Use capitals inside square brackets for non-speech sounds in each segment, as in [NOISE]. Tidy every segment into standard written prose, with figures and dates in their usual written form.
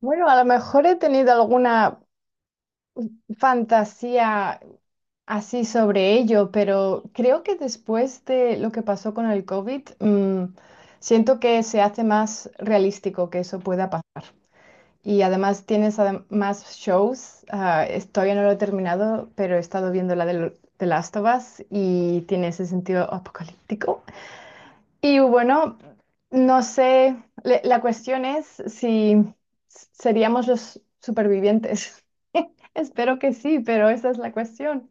Bueno, a lo mejor he tenido alguna fantasía así sobre ello, pero creo que después de lo que pasó con el COVID, siento que se hace más realístico que eso pueda pasar. Y además tienes más shows. Todavía no lo he terminado, pero he estado viendo la de Last of Us y tiene ese sentido apocalíptico. Y bueno, no sé, la cuestión es si seríamos los supervivientes. [LAUGHS] Espero que sí, pero esa es la cuestión.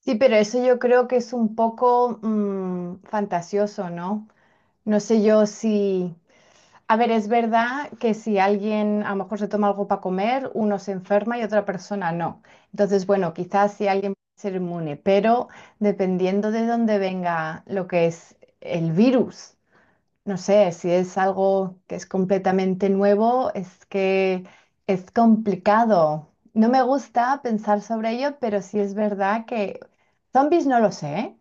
Sí, pero eso yo creo que es un poco fantasioso, ¿no? No sé yo si... A ver, es verdad que si alguien a lo mejor se toma algo para comer, uno se enferma y otra persona no. Entonces, bueno, quizás si alguien puede ser inmune, pero dependiendo de dónde venga lo que es el virus. No sé, si es algo que es completamente nuevo, es que es complicado. No me gusta pensar sobre ello, pero sí es verdad que zombies no lo sé, ¿eh?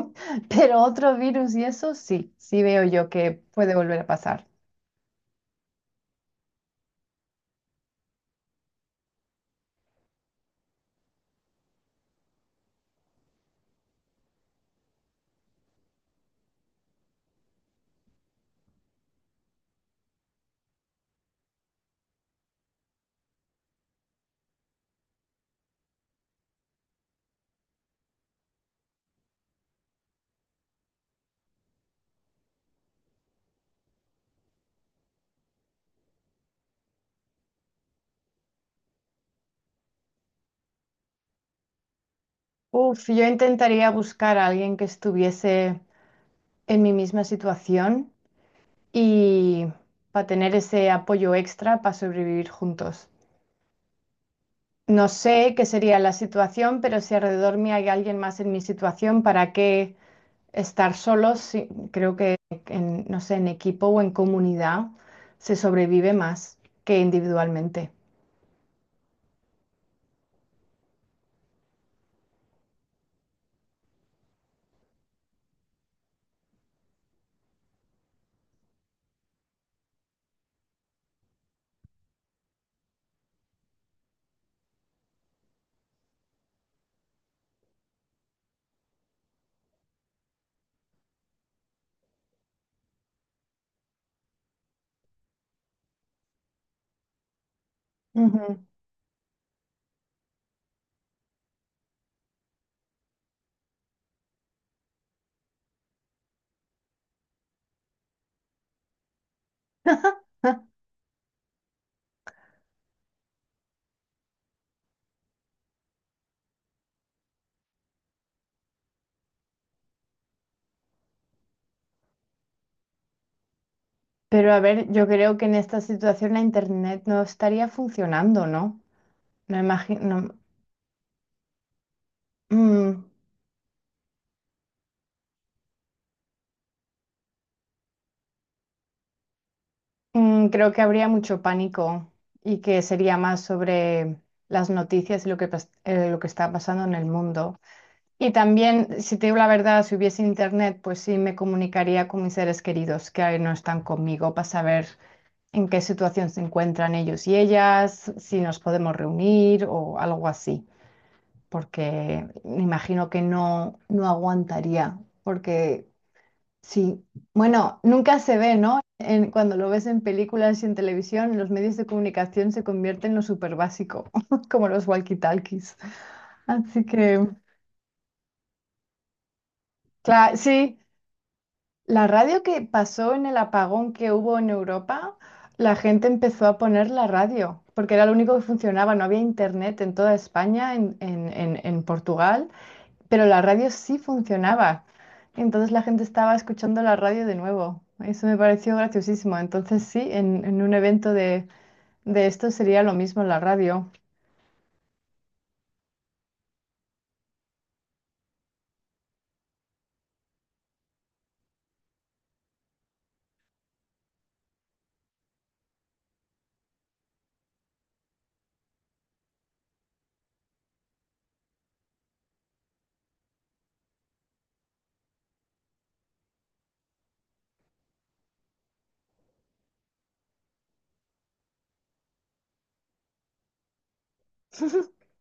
[LAUGHS] Pero otro virus y eso sí, sí veo yo que puede volver a pasar. Uf, yo intentaría buscar a alguien que estuviese en mi misma situación y para tener ese apoyo extra para sobrevivir juntos. No sé qué sería la situación, pero si alrededor mío hay alguien más en mi situación, ¿para qué estar solos? Sí, creo que no sé, en equipo o en comunidad se sobrevive más que individualmente. Ujú. [LAUGHS] Pero a ver, yo creo que en esta situación la internet no estaría funcionando, ¿no? No imagino. Mm, creo que habría mucho pánico y que sería más sobre las noticias y lo que, lo que está pasando en el mundo. Y también, si te digo la verdad, si hubiese internet, pues sí me comunicaría con mis seres queridos que ahí no están conmigo para saber en qué situación se encuentran ellos y ellas, si nos podemos reunir o algo así, porque me imagino que no aguantaría, porque sí, bueno, nunca se ve, ¿no? Cuando lo ves en películas y en televisión, los medios de comunicación se convierten en lo súper básico, [LAUGHS] como los walkie-talkies. Así que... Claro, sí, la radio que pasó en el apagón que hubo en Europa, la gente empezó a poner la radio, porque era lo único que funcionaba, no había internet en toda España, en Portugal, pero la radio sí funcionaba. Entonces la gente estaba escuchando la radio de nuevo. Eso me pareció graciosísimo. Entonces sí, en un evento de esto sería lo mismo la radio. [LAUGHS]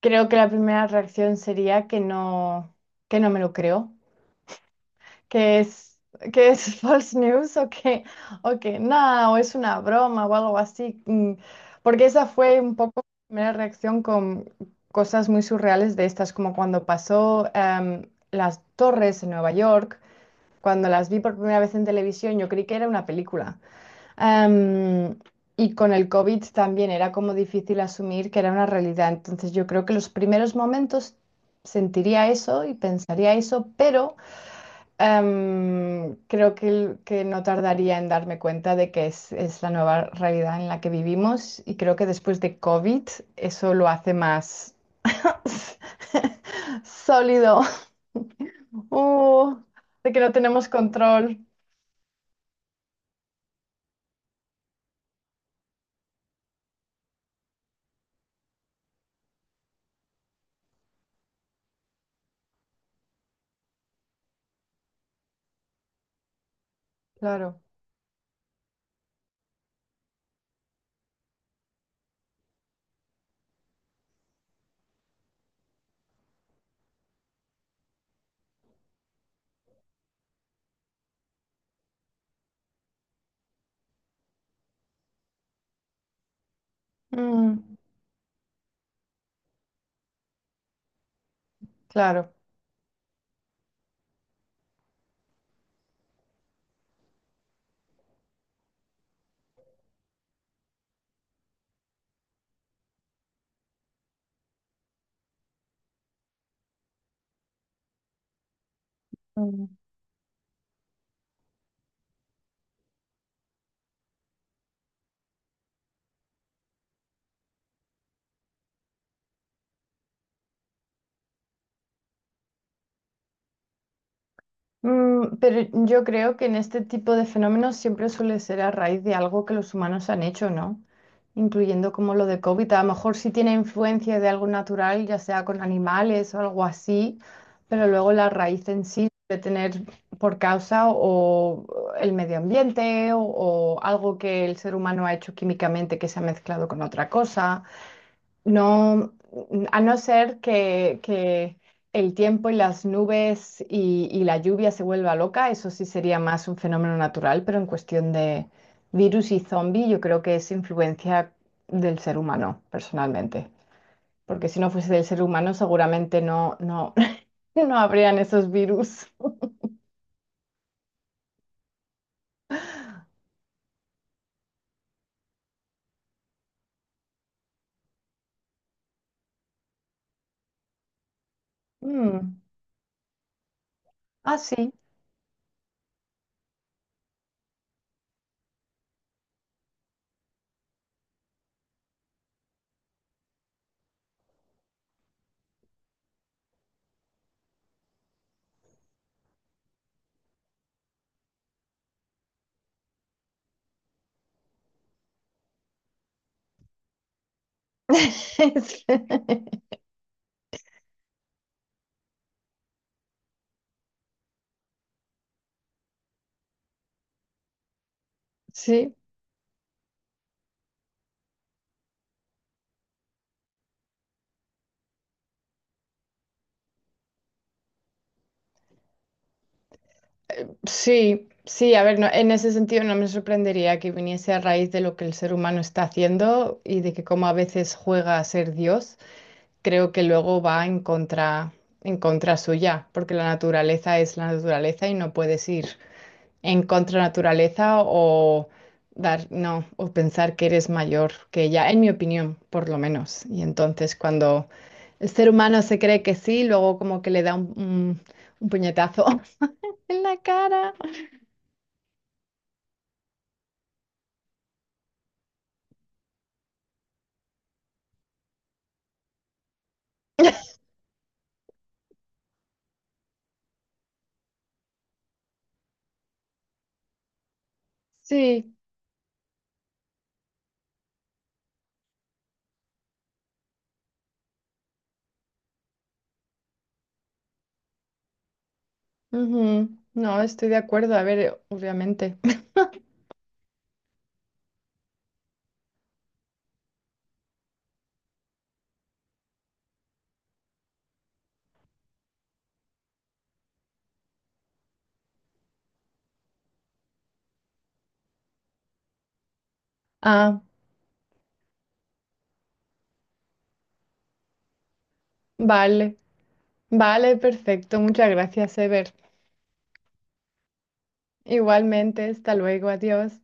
Creo que la primera reacción sería que no me lo creo. que es, que es [LAUGHS] false news o que nada, o es una broma o algo así. Porque esa fue un poco mi primera reacción con cosas muy surreales de estas, como cuando pasó las torres en Nueva York, cuando las vi por primera vez en televisión, yo creí que era una película. Em, y con el COVID también era como difícil asumir que era una realidad. Entonces yo creo que los primeros momentos sentiría eso y pensaría eso, pero... Creo que que no tardaría en darme cuenta de que es la nueva realidad en la que vivimos y creo que después de COVID eso lo hace más [LAUGHS] sólido. Uh, de que no tenemos control. Claro, mm, claro. Mm. Mm, pero yo creo que en este tipo de fenómenos siempre suele ser a raíz de algo que los humanos han hecho, ¿no? Incluyendo como lo de COVID. A lo mejor sí tiene influencia de algo natural, ya sea con animales o algo así, pero luego la raíz en sí debe tener por causa o el medio ambiente o algo que el ser humano ha hecho químicamente que se ha mezclado con otra cosa. No, a no ser que el tiempo y las nubes y la lluvia se vuelva loca, eso sí sería más un fenómeno natural, pero en cuestión de virus y zombie, yo creo que es influencia del ser humano, personalmente. Porque si no fuese del ser humano, seguramente [LAUGHS] no habrían esos virus. Mm. Ah, sí. [LAUGHS] Sí. Sí, sí, a ver, en ese sentido no me sorprendería que viniese a raíz de lo que el ser humano está haciendo y de que como a veces juega a ser Dios, creo que luego va en contra suya, porque la naturaleza es la naturaleza y no puedes ir en contra naturaleza o dar, no, o pensar que eres mayor que ella, en mi opinión, por lo menos. Y entonces cuando el ser humano se cree que sí, luego como que le da un puñetazo [LAUGHS] en la cara. [LAUGHS] Sí, ujú. No, estoy de acuerdo. A ver, obviamente. [LAUGHS] Ah, vale. Vale, perfecto. Muchas gracias, Ever. Igualmente, hasta luego. Adiós.